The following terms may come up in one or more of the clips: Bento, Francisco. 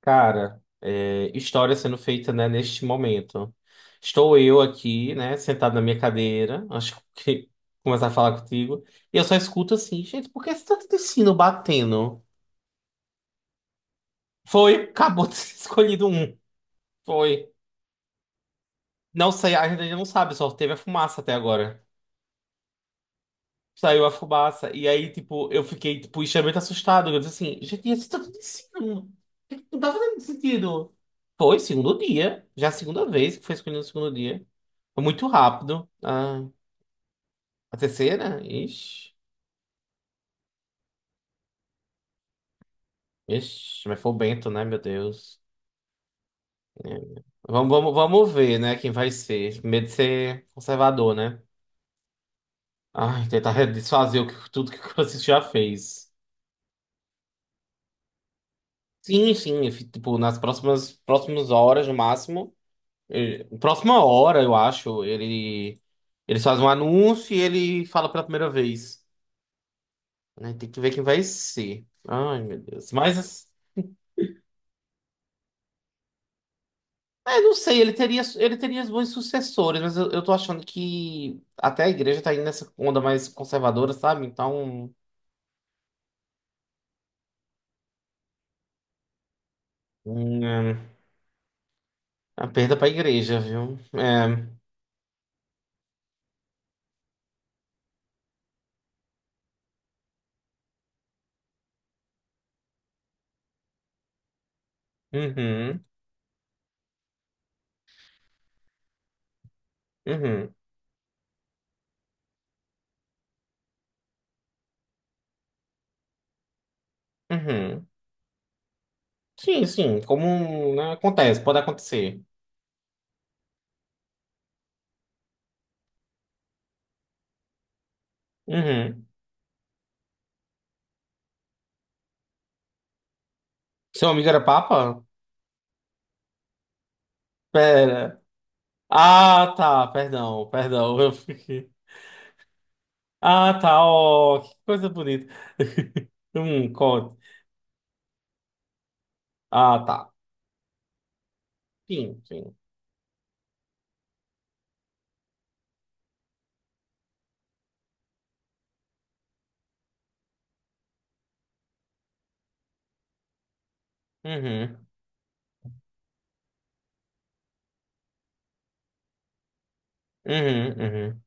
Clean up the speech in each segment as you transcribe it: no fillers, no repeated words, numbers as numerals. Cara, é, história sendo feita, né, neste momento. Estou eu aqui, né, sentado na minha cadeira, acho que começar a falar contigo, e eu só escuto assim, gente, por que esse tanto de sino batendo? Foi, acabou de ser escolhido um. Foi. Não sei, a gente ainda não sabe, só teve a fumaça até agora. Saiu a fumaça. E aí, tipo, eu fiquei, tipo, extremamente assustado. Eu disse assim, gente, isso tá acontecendo. Não tá fazendo sentido. Foi segundo dia. Já a segunda vez que foi escolhido no segundo dia. Foi muito rápido. Ah, a terceira? Ixi. Ixi, mas foi o Bento, né? Meu Deus. É. Vamos ver, né? Quem vai ser. Medo de ser conservador, né? Ai, tentar desfazer tudo que o Francisco já fez. Sim, sim. Tipo, nas próximas horas, no máximo. Próxima hora, eu acho, eles fazem um anúncio e ele fala pela primeira vez. Né? Tem que ver quem vai ser. Ai, meu Deus. Mas, é, não sei, ele teria bons sucessores, mas eu tô achando que até a igreja tá indo nessa onda mais conservadora, sabe? Então, é, a perda pra igreja, viu? É, uhum, uhum, uhum. Sim, sim, como, né, acontece, pode acontecer. Uhum. Seu amigo era papa? Pera. Ah, tá, perdão, perdão. Eu fiquei. Ah, tá, ó, que coisa bonita. Conte. Ah, tá. Sim, sim. Uhum, uhum, uhum.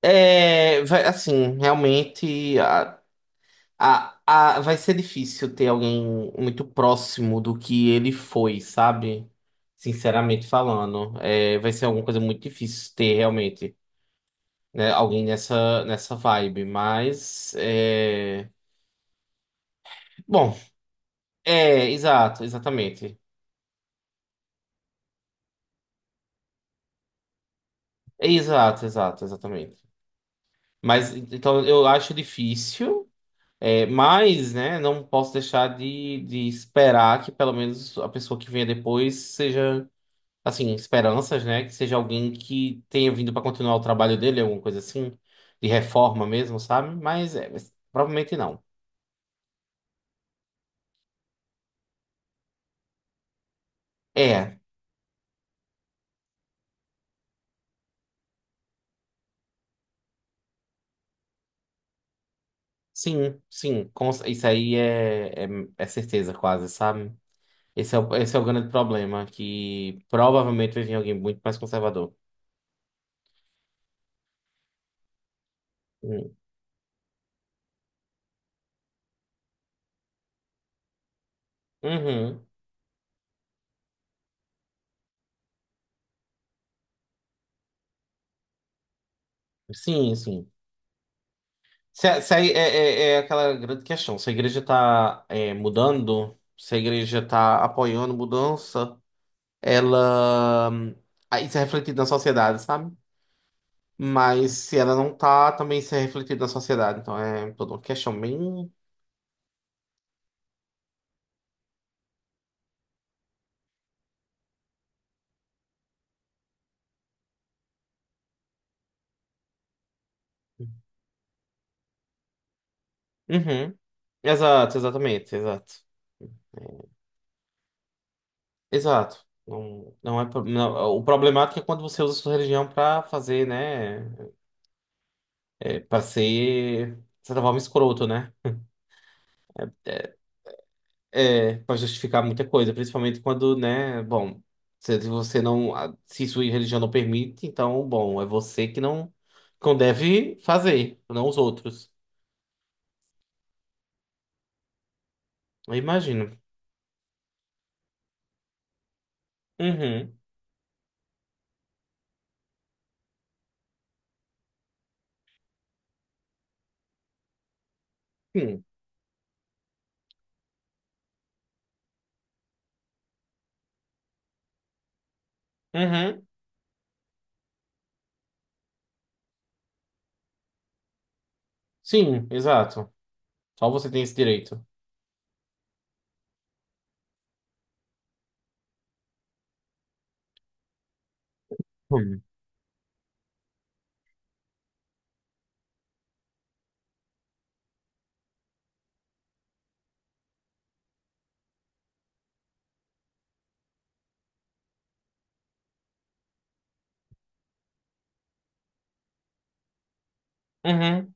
É, vai, assim, realmente a, vai ser difícil ter alguém muito próximo do que ele foi, sabe? Sinceramente falando. É, vai ser alguma coisa muito difícil ter realmente, né, alguém nessa vibe, mas. É... Bom. É, exato, exatamente. É, exato, exato, exatamente. Mas então eu acho difícil, é, mas né, não posso deixar de esperar que pelo menos a pessoa que venha depois seja, assim, esperanças, né? Que seja alguém que tenha vindo para continuar o trabalho dele, alguma coisa assim, de reforma mesmo, sabe? Mas, é, mas provavelmente não. É, sim, sim, isso aí é certeza quase, sabe? Esse é o grande problema, que provavelmente vai vir alguém muito mais conservador. Hum. Uhum. Sim, sim. Se a- é, é, É aquela grande questão. Se a igreja está mudando, se a igreja está apoiando mudança, ela. Hum, aí isso é refletido na sociedade, sabe? Mas se ela não tá, também isso é refletido na sociedade. Então é toda uma questão bem. Uhum. Exato, exatamente, exato. Exato. Não, não é, o problemático é quando você usa a sua religião pra fazer, né? É, para ser, de certa forma, escroto, né? É, para justificar muita coisa, principalmente quando, né? Bom, se você não, a- se sua religião não permite, então, bom, é você que não deve fazer, não os outros. Eu imagino. Uhum. Sim. Uhum. Sim, exato. Só você tem esse direito. Hum. Uhum.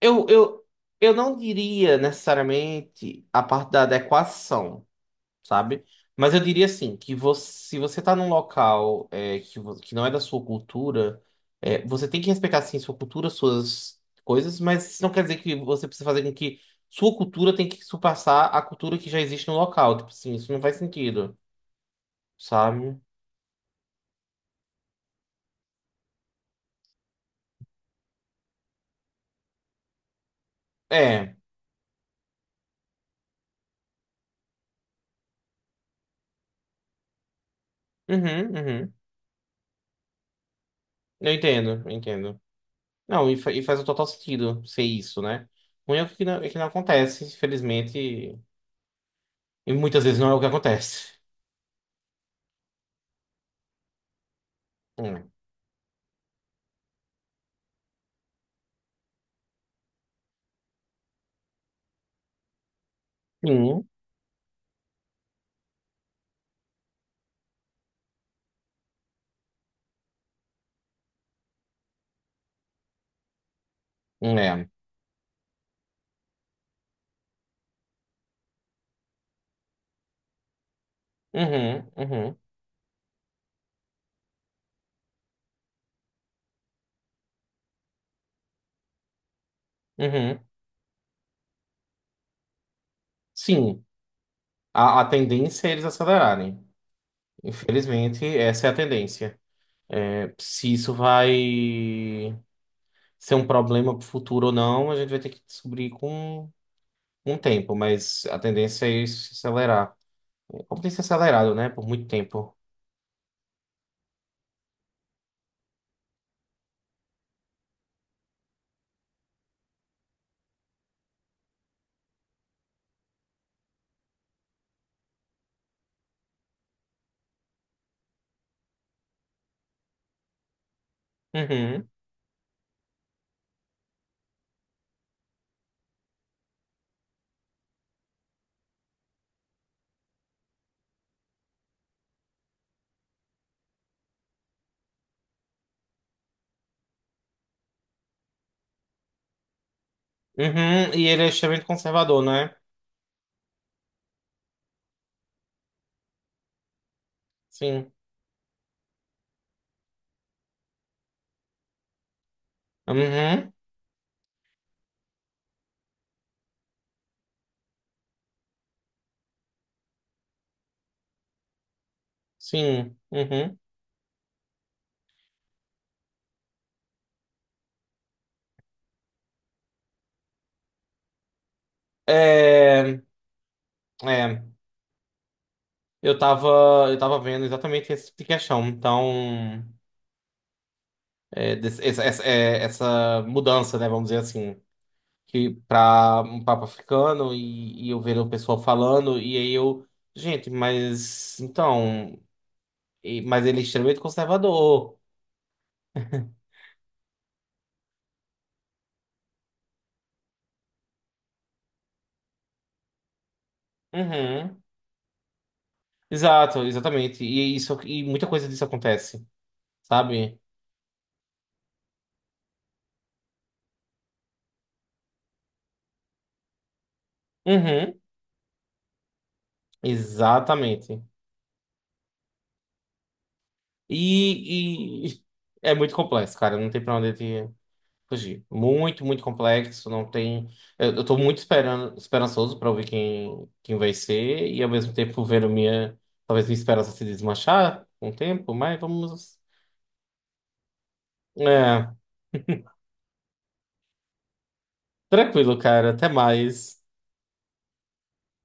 Eu, eu, eu não diria necessariamente a parte da adequação, sabe? Mas eu diria assim, que você, se você tá num local é, que não é da sua cultura, é, você tem que respeitar sim sua cultura, suas coisas, mas isso não quer dizer que você precisa fazer com que sua cultura tem que surpassar a cultura que já existe no local. Tipo assim, isso não faz sentido, sabe? É. Uhum, uhum. Eu entendo, eu entendo. Não, e, e faz o total sentido ser isso, né? O único que não, é que não acontece, infelizmente, e muitas vezes não é o que acontece. Hum. Sim, é. Uhum, uhum, uhum. Sim, a tendência é eles acelerarem. Infelizmente, essa é a tendência. Se isso vai ser um problema pro futuro ou não, a gente vai ter que descobrir com um tempo, mas a tendência é isso se acelerar. É. Como tem se acelerado, né? Por muito tempo. Uhum. Uhum, e ele é extremamente conservador, né? Sim. Uhum, sim. Uhum. É, é, eu tava, eu tava vendo exatamente esse tipo de questão. Então, é, essa, é, essa mudança, né? Vamos dizer assim, que para um Papa africano e eu vendo o pessoal falando, e aí eu, gente, mas então, mas ele é extremamente conservador. Uhum. Exato, exatamente. E isso, e muita coisa disso acontece, sabe? Uhum. Exatamente. E, e é muito complexo, cara. Não tem pra onde te fugir. Muito, muito complexo. Não tem. Eu tô muito esperando, esperançoso pra ouvir quem vai ser. E ao mesmo tempo vendo minha. Talvez minha esperança se desmanchar com o tempo, mas vamos. É, tranquilo, cara. Até mais.